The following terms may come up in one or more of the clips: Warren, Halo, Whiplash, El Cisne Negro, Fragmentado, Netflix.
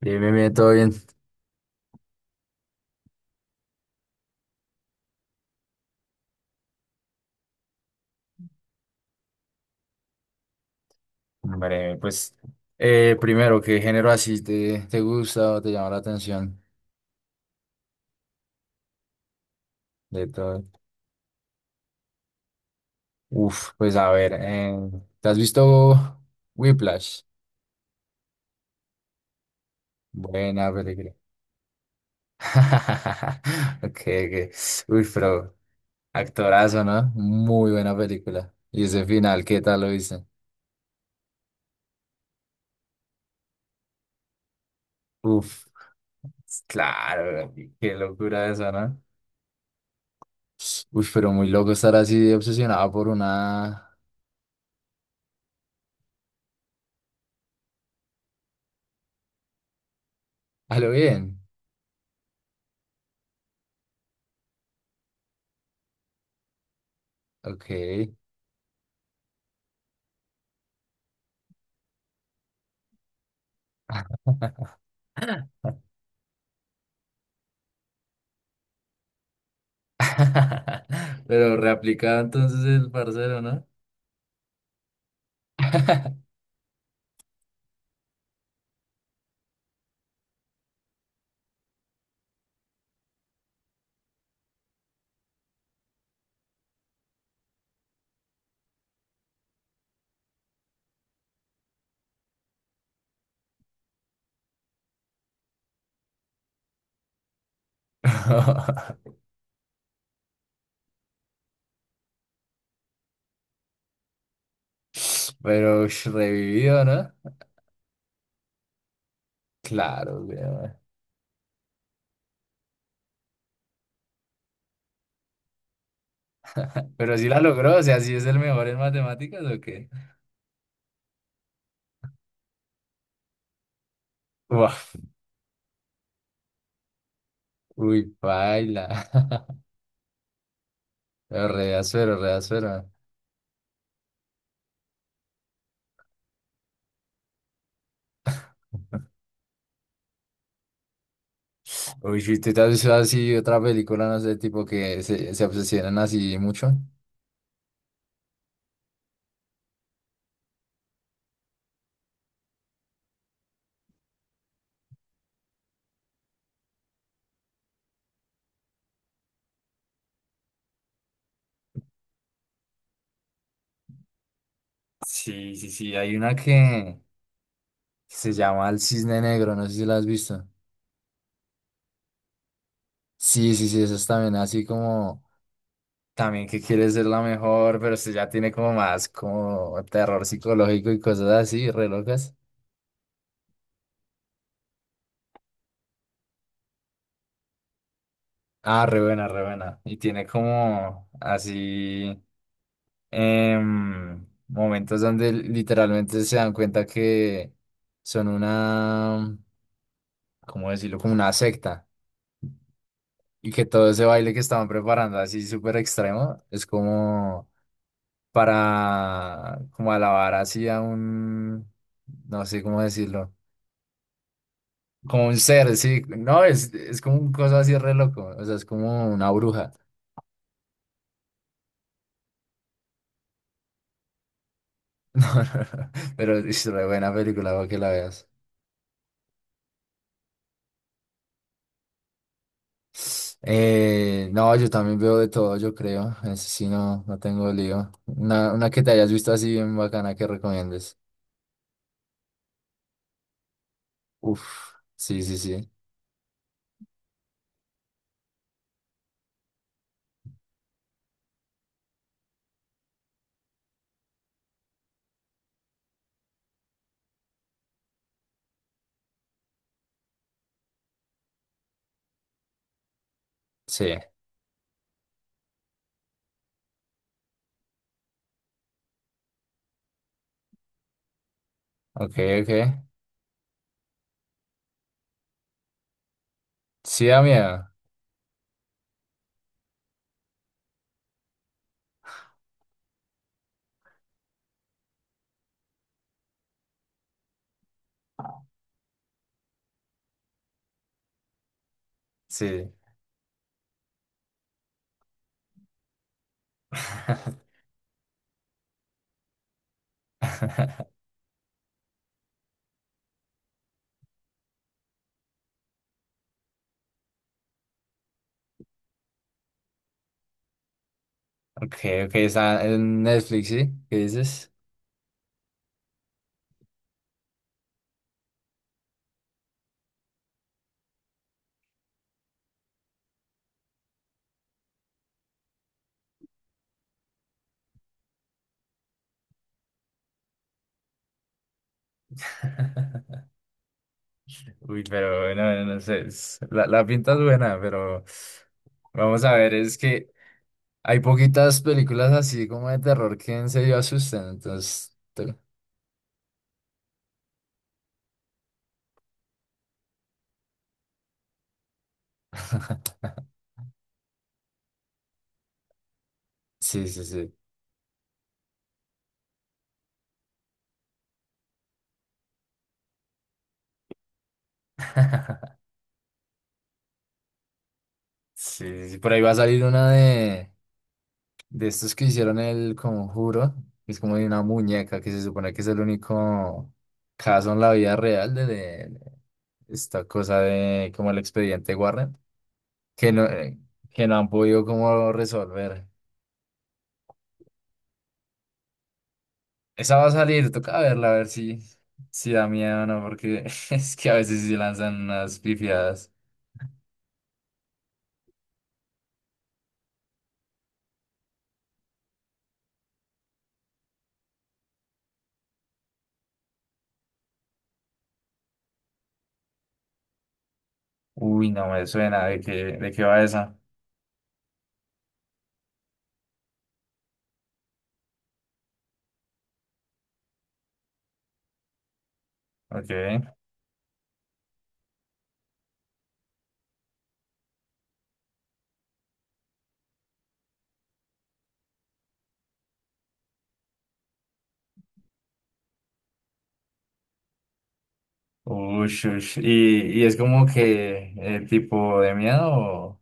Bien, bien, bien, todo bien. Hombre, pues, primero, ¿qué género así te gusta o te llama la atención de todo? Uf, pues a ver, ¿te has visto Whiplash? Buena película. Ok, ok. Uy, pero actorazo, ¿no? Muy buena película. Y ese final, ¿qué tal lo viste? Uf, claro, qué locura eso, ¿no? Uy, pero muy loco estar así obsesionado por una... A lo bien. Ok. Pero reaplicado entonces el parcero, ¿no? Pero ush, revivido, ¿no? Claro, weón. Pero sí la logró, o sea, ¿sí es el mejor en matemáticas o qué? Uf, uy, paila. Pero re azuero, re azuero. Uy, si tú te has visto así otra película, no sé, tipo que se obsesionan así mucho. Sí, sí, sí, hay una que se llama El Cisne Negro, no sé si la has visto. Sí, sí, sí, eso es también así como también que quiere ser la mejor, pero se ya tiene como más como terror psicológico y cosas así, re locas. Ah, re buena, re buena. Y tiene como así momentos donde literalmente se dan cuenta que son una, ¿cómo decirlo? Como una secta. Y que todo ese baile que estaban preparando así súper extremo es como para como alabar así a un, no sé cómo decirlo, como un ser, sí, no, es como un cosa así re loco, o sea, es como una bruja, no, no, no, pero es re buena película para que la veas. No, yo también veo de todo, yo creo, es, sí, no, no tengo lío. Una que te hayas visto así bien bacana que recomiendes. Uf, sí, sí, sí, sí, ok, ok, sí da miedo, sí. Ok, ok, está en Netflix, ¿sí? ¿Qué dices? Uy, pero no, no sé, es- la pinta es buena, pero vamos a ver, es que hay poquitas películas así como de terror que en serio asustan, entonces... te- Sí, sí, sí. Sí, sí, por ahí va a salir una de estos que hicieron el conjuro, que es como de una muñeca que se supone que es el único caso en la vida real de esta cosa de como el expediente Warren. Que no, que no han podido como resolver. Esa va a salir, toca verla, a ver si, si da miedo o no, porque es que a veces sí lanzan unas pifiadas. Uy, no me suena, de qué va esa? Ok. Ush, ush. Y es como que el tipo de miedo? O-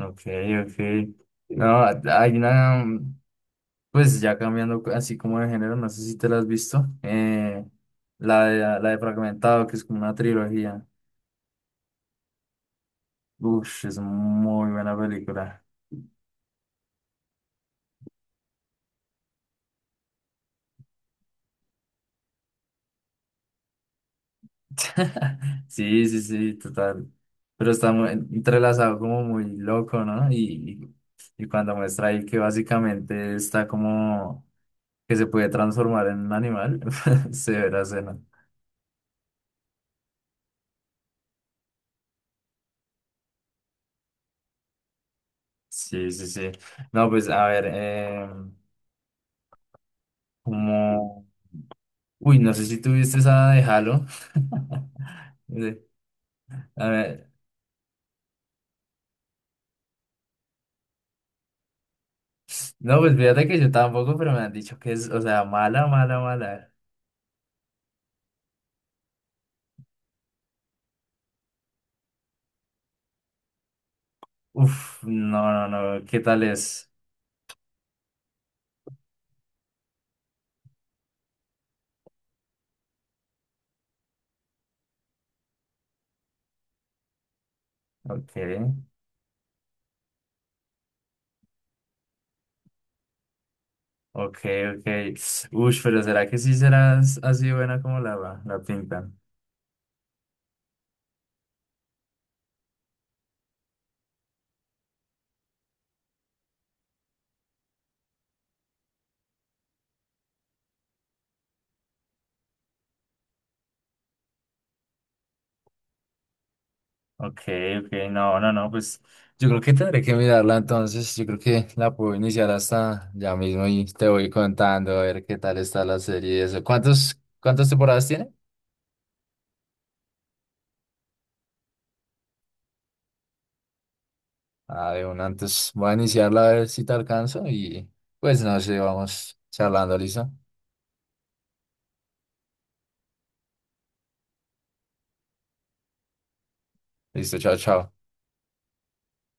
Ok, ok. No, hay una, pues ya cambiando así como de género, no sé si te la has visto. La de Fragmentado, que es como una trilogía. Uf, es muy buena película. Sí, sí, sí, total. Pero está muy entrelazado como muy loco, ¿no? Y cuando muestra ahí que básicamente está como que se puede transformar en un animal, se verá cena. Sí, sí, sí. No, pues a ver, como... Uy, no sé si tuviste esa de Halo. De- A ver, no, pues fíjate que yo tampoco, pero me han dicho que es, o sea, mala, mala, mala. Uf, no, no, no, ¿qué tal es? Ok, ok, ok. Uy, pero ¿será que sí serás así buena como la pintan? Ok, ok, no, no, no, pues yo creo que tendré que mirarla entonces. Yo creo que la puedo iniciar hasta ya mismo y te voy contando a ver qué tal está la serie y eso. ¿Cuántos, cuántas temporadas tiene? Ah, de una, antes voy a iniciarla a ver si te alcanzo y pues no sé, vamos charlando, ¿listo? Listo, chao, chao.